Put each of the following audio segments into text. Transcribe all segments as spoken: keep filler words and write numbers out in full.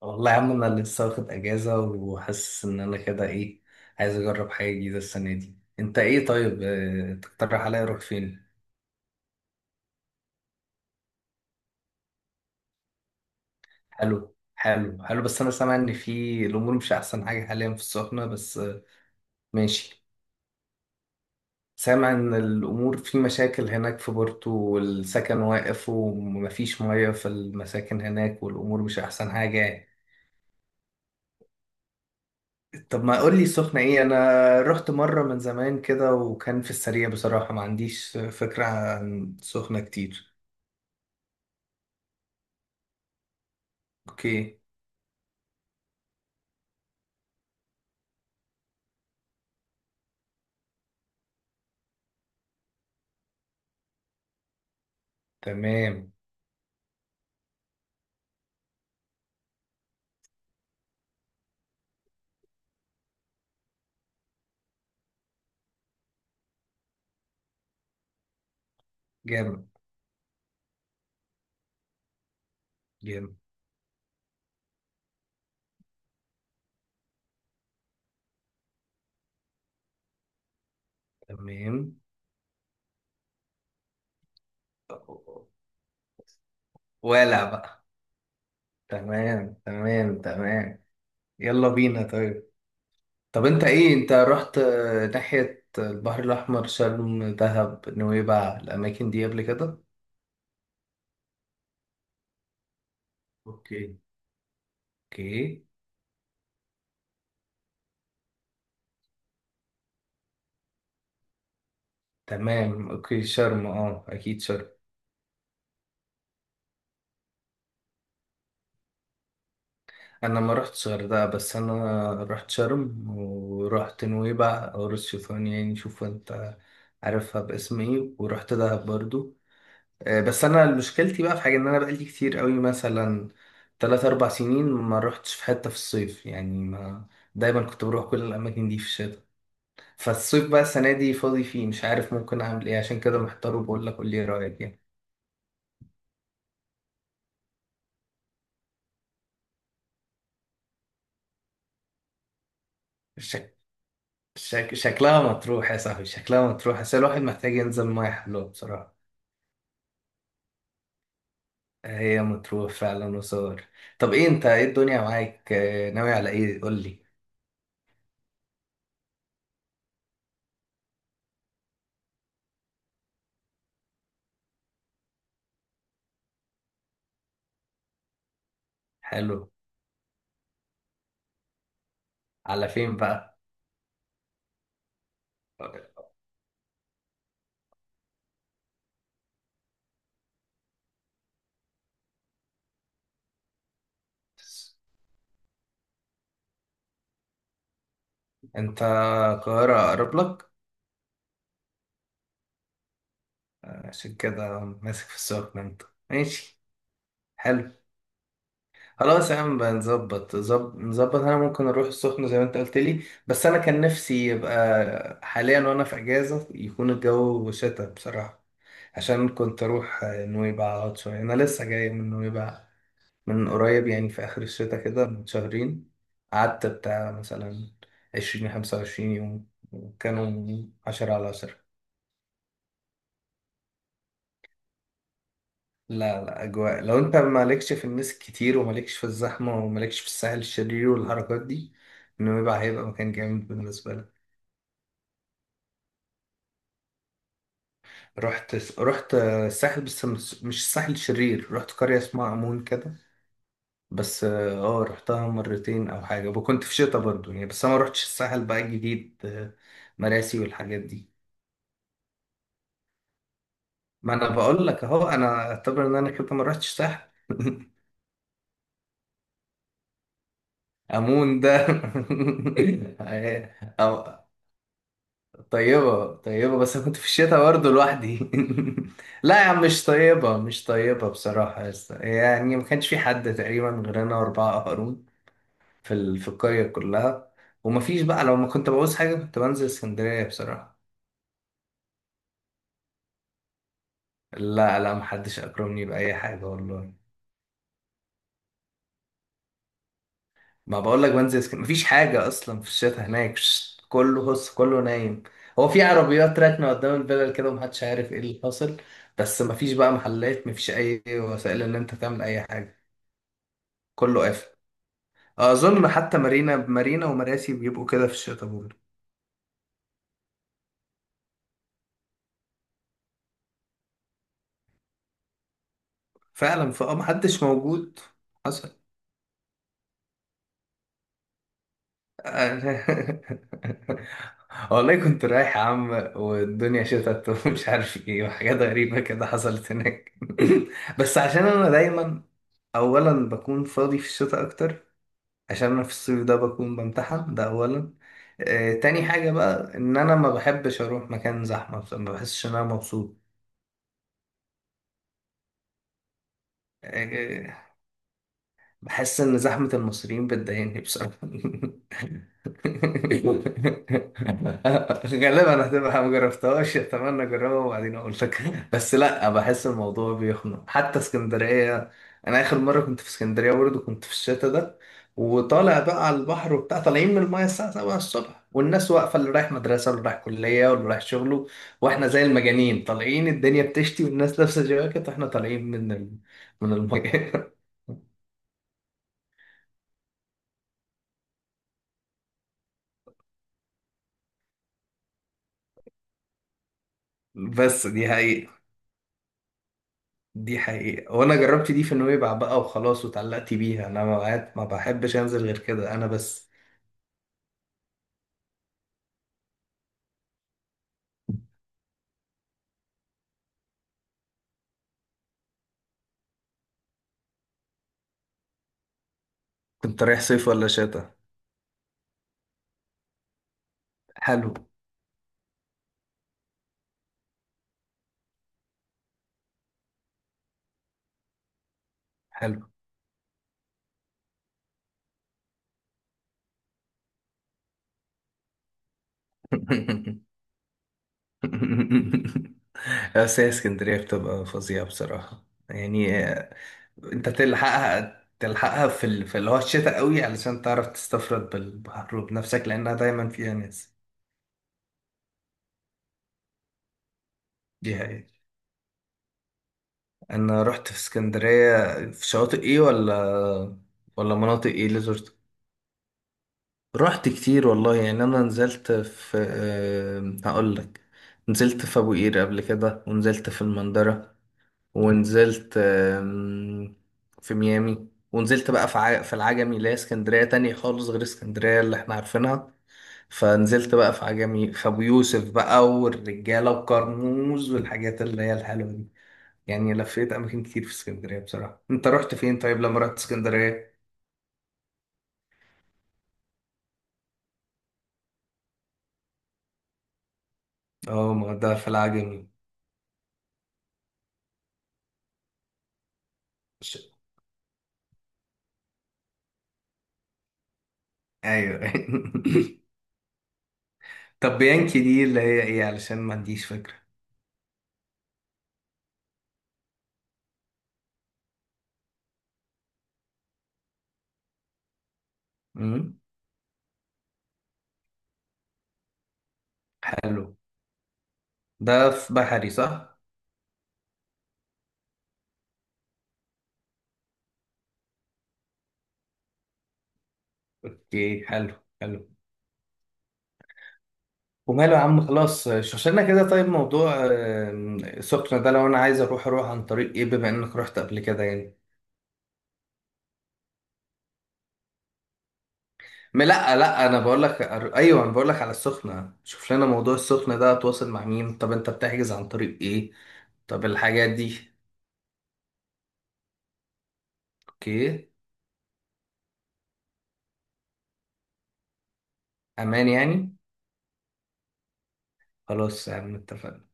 والله يا عم، انا لسه واخد اجازه وحاسس ان انا كده ايه. عايز اجرب حاجه جديده السنه دي. انت ايه؟ طيب آه، تقترح عليا اروح فين؟ حلو حلو حلو، بس انا سامع ان في الامور مش احسن حاجه حاليا في السخنه، بس آه، ماشي. سامع ان الامور في مشاكل هناك في بورتو، والسكن واقف ومفيش ميه في المساكن هناك، والامور مش احسن حاجه يعني. طب ما قول لي السخنة ايه؟ انا رحت مرة من زمان كده، وكان في السريع بصراحة ما عنديش فكرة عن سخنة كتير. اوكي. تمام. جامد جامد. تمام. ولا بقى. تمام تمام تمام. يلا بينا. طيب طب انت ايه؟ انت رحت ناحية البحر الاحمر، شرم، دهب، نويبع، الاماكن دي قبل كده؟ اوكي. اوكي. تمام اوكي، شرم اه، اكيد شرم. انا ما رحتش غردقه، بس انا رحت شرم، ورحت نويبع او راس شيطان، يعني شوف انت عارفها باسم ايه، ورحت دهب برضو. آه، بس انا مشكلتي بقى في حاجه، ان انا بقالي كتير قوي، مثلا تلات اربع سنين ما رحتش في حته في الصيف، يعني ما دايما كنت بروح كل الاماكن دي في الشتاء. فالصيف بقى السنه دي فاضي فيه، مش عارف ممكن اعمل ايه، عشان كده محتار وبقول لك قول لي إيه رايك يعني. شك... شك... شكلها مطروح يا صاحبي، شكلها مطروح، بس الواحد محتاج ينزل ميه حلوه بصراحه. هي مطروح فعلا وصور. طب ايه انت، ايه الدنيا معاك؟ آه، ناوي على ايه؟ قول لي. حلو. على فين بقى؟ انت القاهرة اقرب لك، عشان كده ماسك في السخنة انت. ماشي. حلو. خلاص يا عم بقى نظبط زب- نظبط. انا ممكن اروح السخنة زي ما انت قلت لي، بس انا كان نفسي يبقى حاليا وانا في اجازة يكون الجو شتا بصراحة. عشان كنت اروح آه، نويبع اقعد شوية. انا لسه جاي من نويبع، من قريب يعني، في آخر الشتاء كده، من شهرين. قعدت بتاع مثلا عشرين خمسة وعشرين يوم، وكانوا عشرة على عشرة. لا لا، أجواء، لو أنت مالكش في الناس كتير ومالكش في الزحمة ومالكش في الساحل الشرير والحركات دي، نويبع هيبقى مكان جامد بالنسبة لك. رحت رحت الساحل، بس مش مش الساحل الشرير، رحت قرية اسمها أمون كده. بس اه آه، رحتها مرتين أو حاجة، وكنت في شتا برضو يعني. بس أنا ما رحتش الساحل بقى الجديد، آه، مراسي والحاجات دي. ما انا بقول لك اهو، انا اعتبر ان انا كده ما رحتش ساحل امون ده أو- طيبه طيبه، بس انا كنت في الشتاء برضه لوحدي لا يا عم، مش طيبه مش طيبه بصراحه يا اسطى. يعني ما كانش في حد تقريبا غير انا واربعه قهرون في ال... في القريه كلها، وما فيش بقى، لو ما كنت بعوز حاجه كنت بنزل اسكندريه بصراحه. لا لا، ما حدش اكرمني باي حاجه والله. ما بقول لك، بنزل اسكندريه مفيش حاجه اصلا في الشتاء هناك. شت، كله هص كله نايم. هو في عربيات راكنه قدام الفلل كده، ومحدش عارف ايه اللي حاصل. بس مفيش بقى محلات، مفيش اي وسائل ان انت تعمل اي حاجه. كله قافل. اظن حتى مارينا، مارينا ومراسي بيبقوا كده في الشتاء برضه. فعلا، فاه محدش موجود. حصل. والله كنت رايح يا عم، والدنيا شتت ومش عارف ايه، وحاجات غريبة كده حصلت هناك بس عشان انا دايما اولا بكون فاضي في الشتاء اكتر، عشان انا في الصيف ده بكون بمتحن ده اولا. آه تاني حاجه بقى، ان انا ما بحبش اروح مكان زحمه بصراحة، ما بحسش ان انا مبسوط. آه بحس ان زحمه المصريين بتضايقني بصراحه غالبا هتبقى، ما جربتهاش، اتمنى اجربها وبعدين اقول لك. بس لا، بحس الموضوع بيخنق حتى اسكندريه. انا اخر مره كنت في اسكندريه برضه كنت في الشتا ده، وطالع بقى على البحر وبتاع، طالعين من المايه الساعه سبعة الصبح، والناس واقفه، اللي رايح مدرسه واللي رايح كليه واللي رايح شغله، واحنا زي المجانين طالعين، الدنيا بتشتي والناس لابسه جواكت، واحنا طالعين من ال... من المايه بس دي حقيقة، دي حقيقة. وانا جربت دي في نويبع بقى وخلاص واتعلقت بيها، انا ما بقعد- ما بحبش انزل غير كده انا بس. كنت رايح صيف ولا شتا؟ حلو. حلو. بس هي اسكندرية بتبقى فظيعة بصراحة، يعني آه، انت تلحقها تلحقها في ال... في اللي هو الشتاء قوي، علشان تعرف تستفرد بالبحر وبنفسك، لانها دايما فيها ناس. دي حقيقة. انا رحت في اسكندرية في شواطئ ايه، ولا ولا مناطق ايه اللي زرتها؟ رحت كتير والله يعني. انا نزلت في آه، هقول لك، نزلت في ابو قير قبل كده، ونزلت في المندرة، ونزلت آم، في ميامي، ونزلت بقى في ع- في العجمي، اللي هي اسكندرية تانية خالص غير اسكندرية اللي احنا عارفينها. فنزلت بقى في عجمي في ابو يوسف بقى، والرجالة وكرموز والحاجات اللي هي الحلوة دي، يعني لفيت اماكن كتير في اسكندرية بصراحة. انت رحت فين طيب لما رحت اسكندرية؟ اه، ما ده في العجمي. ش- ايوه. طب بيانكي دي اللي هي ايه؟ علشان ما عنديش فكرة. امم. حلو. ده في بحري صح؟ اوكي. حلو. حلو. وماله يا عم، خلاص شوشنا كده. طيب موضوع آم، سخنة ده، لو انا عايز اروح اروح عن طريق ايه بما انك رحت قبل كده يعني؟ ما لا لا، انا بقول لك، ايوه انا بقول لك على السخنة، شوف لنا موضوع السخنة ده، اتواصل مع مين؟ طب انت بتحجز عن طريق ايه؟ طب الحاجات دي. اوكي. امان يعني؟ خلاص يا عم اتفقنا.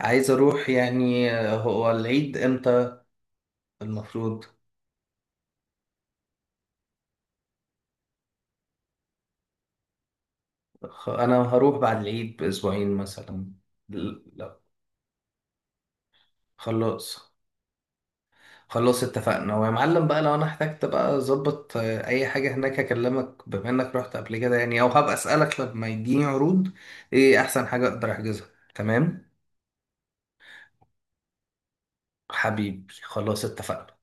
عايز اروح يعني. آه، هو العيد امتى المفروض؟ خ- انا هروح بعد العيد باسبوعين مثلا. ل- لا. خلاص. خلاص اتفقنا. ويا معلم بقى، لو انا احتجت بقى اظبط آه، اي حاجه هناك اكلمك، بما انك رحت قبل كده يعني، او هبقى اسالك لما يجيني عروض، ايه احسن حاجه اقدر احجزها. تمام. حبيبي خلاص اتفقنا.